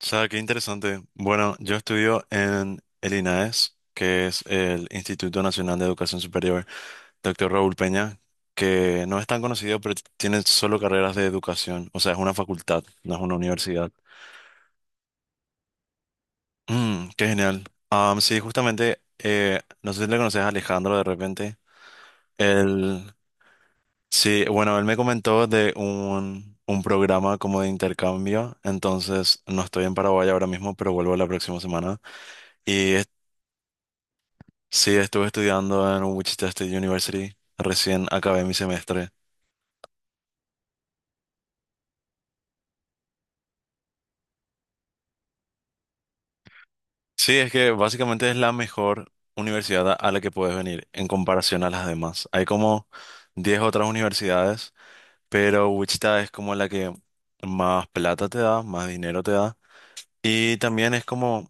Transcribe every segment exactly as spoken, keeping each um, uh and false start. O sea, qué interesante. Bueno, yo estudio en el INAES, que es el Instituto Nacional de Educación Superior, Doctor Raúl Peña, que no es tan conocido, pero tiene solo carreras de educación. O sea, es una facultad, no es una universidad. Mm, qué genial. Am, sí, justamente, eh, no sé si le conoces a Alejandro de repente. Él, sí, bueno, él me comentó de un, un programa como de intercambio. Entonces, no estoy en Paraguay ahora mismo, pero vuelvo la próxima semana. Y Sí, estuve estudiando en Wichita State University. Recién acabé mi semestre. Sí, es que básicamente es la mejor universidad a a la que puedes venir en comparación a las demás. Hay como diez otras universidades, pero Wichita es como la que más plata te da, más dinero te da. Y también es como,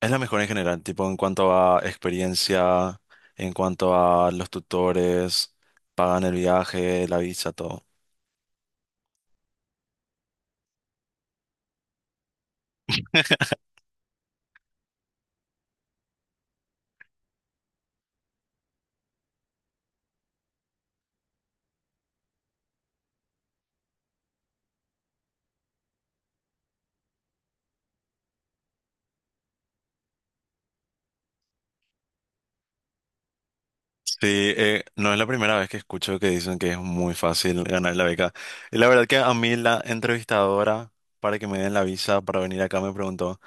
es la mejor en general, tipo en cuanto a experiencia, en cuanto a los tutores, pagan el viaje, la visa, todo. Sí, eh, no es la primera vez que escucho que dicen que es muy fácil ganar la beca. Y la verdad que a mí la entrevistadora para que me den la visa para venir acá me preguntó,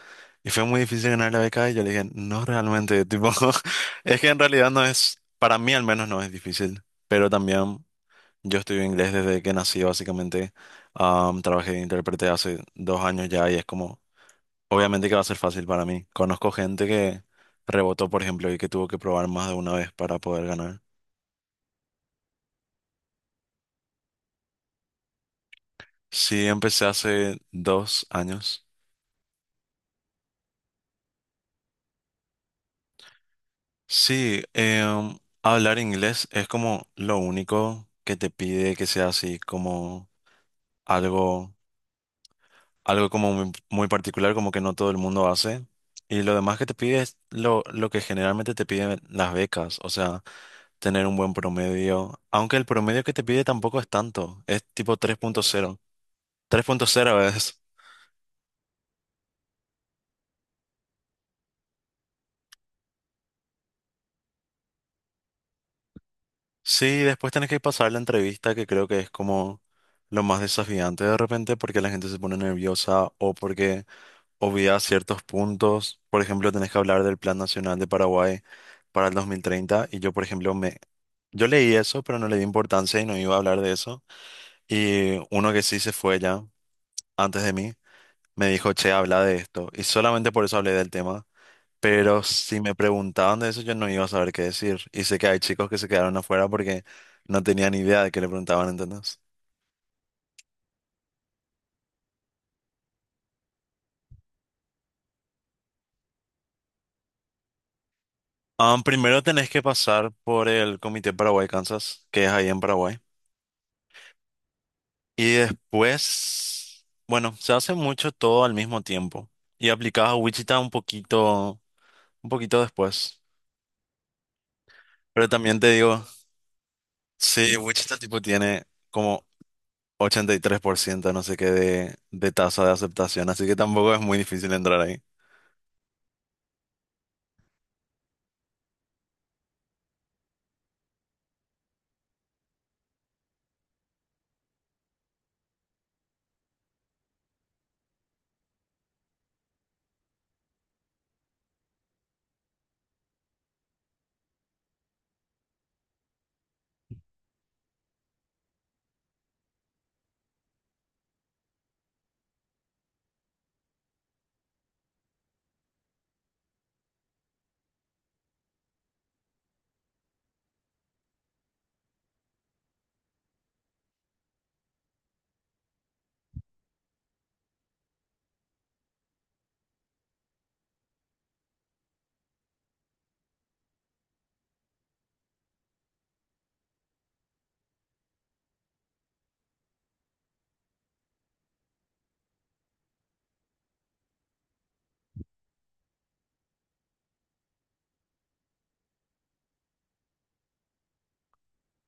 ¿y fue muy difícil ganar la beca? Y yo le dije, no realmente, tipo, es que en realidad no es, para mí al menos no es difícil, pero también yo estudio inglés desde que nací básicamente. Am, trabajé de intérprete hace dos años ya y es como, obviamente que va a ser fácil para mí. Conozco gente que rebotó, por ejemplo, y que tuvo que probar más de una vez para poder ganar. Sí, empecé hace dos años. Sí, em, hablar inglés es como lo único que te pide que sea así como algo, algo como muy, muy particular, como que no todo el mundo hace. Y lo demás que te pide es lo, lo que generalmente te piden las becas, o sea, tener un buen promedio, aunque el promedio que te pide tampoco es tanto, es tipo tres coma cero, tres punto cero es. Sí, después tenés que pasar la entrevista, que creo que es como lo más desafiante de repente, porque la gente se pone nerviosa o porque obvia ciertos puntos. Por ejemplo, tenés que hablar del Plan Nacional de Paraguay para el dos mil treinta y yo, por ejemplo, me... Yo leí eso, pero no le di importancia y no iba a hablar de eso. Y uno que sí se fue ya antes de mí me dijo, che, habla de esto. Y solamente por eso hablé del tema. Pero si me preguntaban de eso, yo no iba a saber qué decir. Y sé que hay chicos que se quedaron afuera porque no tenían idea de qué le preguntaban, ¿entendés? Ah, primero tenés que pasar por el Comité Paraguay-Kansas, que es ahí en Paraguay. Y después, bueno, se hace mucho todo al mismo tiempo. Y aplicás a Wichita un poquito, un poquito después. Pero también te digo, sí, Wichita tipo tiene como ochenta y tres por ciento, no sé qué, de, de tasa de aceptación. Así que tampoco es muy difícil entrar.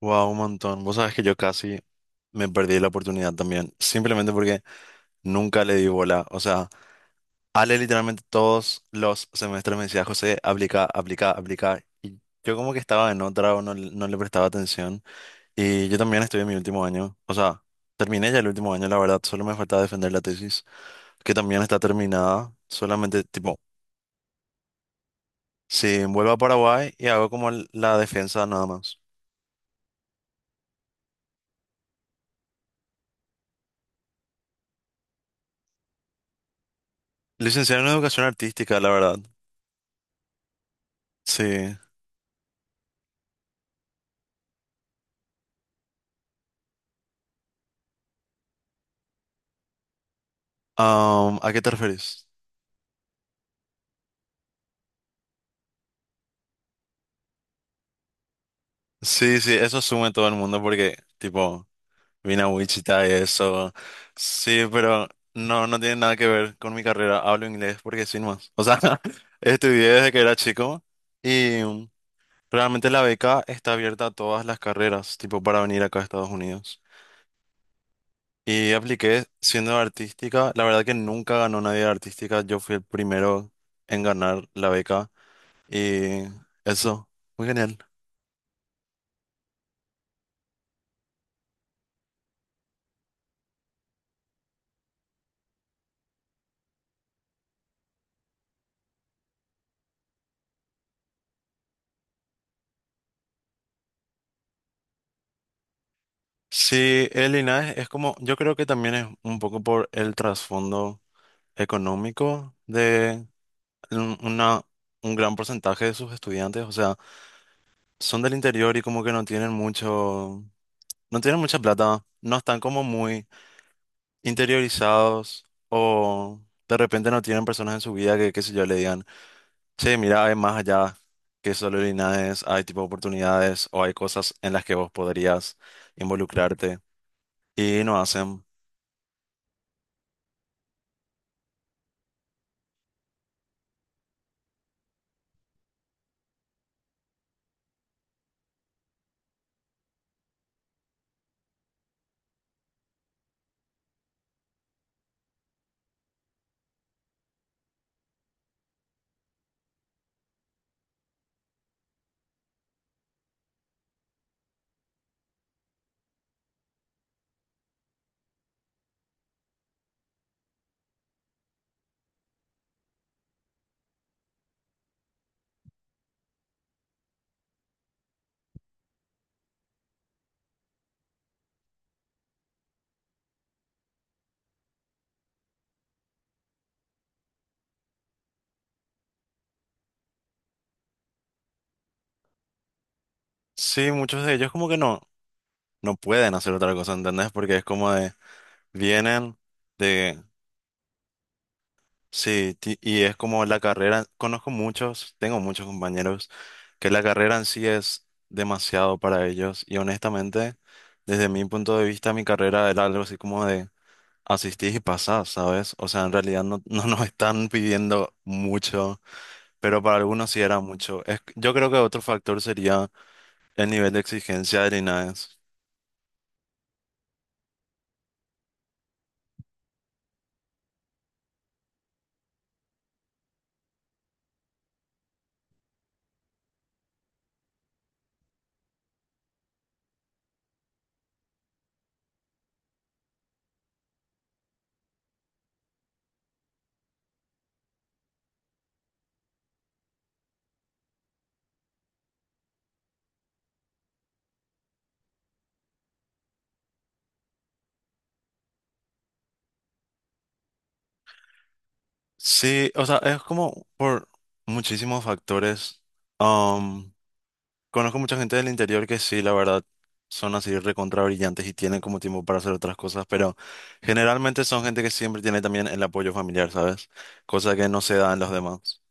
Wow, un montón. Vos sabés que yo casi me perdí la oportunidad también, simplemente porque nunca le di bola. O sea, Ale literalmente todos los semestres me decía, José, aplica, aplica, aplica. Y yo como que estaba en otra o no, le- no le prestaba atención. Y yo también estoy en mi último año. O sea, terminé ya el último año, la verdad. Solo me faltaba defender la tesis, que también está terminada. Solamente, tipo, si vuelvo a Paraguay y hago como la defensa nada más. Licenciado en Educación Artística, la verdad. Sí. Um, ¿a qué te refieres? Sí, sí, eso asume todo el mundo porque, tipo, vine a Wichita y eso. Sí, pero no, no tiene nada que ver con mi carrera. Hablo inglés porque sin más. O sea, estudié desde que era chico y um, realmente la beca está abierta a todas las carreras, tipo, para venir acá a Estados Unidos. Y apliqué siendo de artística. La verdad que nunca ganó nadie de artística. Yo fui el primero en ganar la beca y eso, muy genial. Sí, el linaje es como, yo creo que también es un poco por el trasfondo económico de un- una, un gran porcentaje de sus estudiantes, o sea, son del interior y como que no tienen mucho, no tienen mucha plata, no están como muy interiorizados o de repente no tienen personas en su vida que, qué sé yo, le digan, che, mira, hay más allá que solo el linaje, hay tipo oportunidades o hay cosas en las que vos podrías involucrarte y no hacen. Sí, muchos de ellos como que no, no pueden hacer otra cosa, ¿entendés? Porque es como de, vienen de, sí, ti- y es como la carrera, conozco muchos, tengo muchos compañeros, que la carrera en sí es demasiado para ellos. Y honestamente, desde mi punto de vista, mi carrera era algo así como de asistís y pasás, ¿sabes? O sea, en realidad no, no nos están pidiendo mucho, pero para algunos sí era mucho. Es- yo creo que otro factor sería el nivel de exigencia del INAES. Sí, o sea, es como por muchísimos factores. Am, conozco mucha gente del interior que sí, la verdad, son así recontra brillantes y tienen como tiempo para hacer otras cosas, pero generalmente son gente que siempre tiene también el apoyo familiar, ¿sabes? Cosa que no se da en los demás.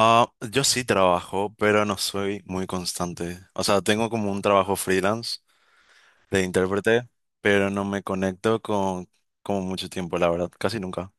Ah, yo sí trabajo, pero no soy muy constante. O sea, tengo como un trabajo freelance de intérprete, pero no me conecto con como mucho tiempo, la verdad, casi nunca.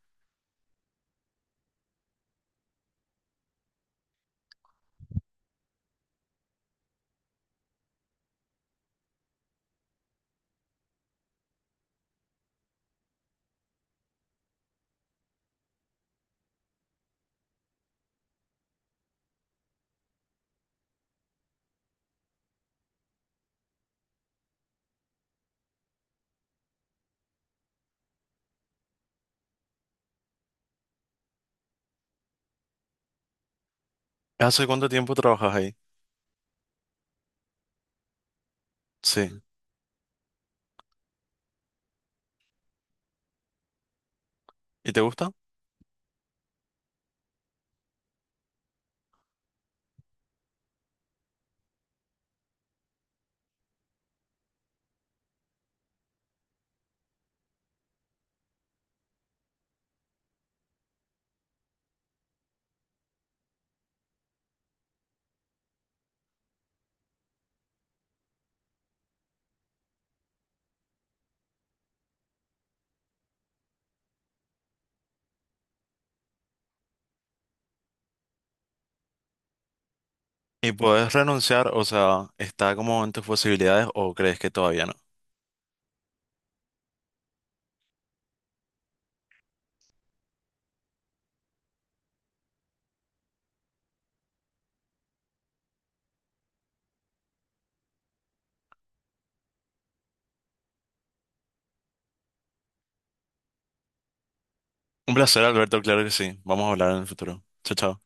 ¿Hace cuánto tiempo trabajas ahí? Sí. ¿Y te gusta? ¿Y puedes renunciar? O sea, ¿está como en tus posibilidades o crees que todavía no? Un placer, Alberto, claro que sí. Vamos a hablar en el futuro. Chao, chao.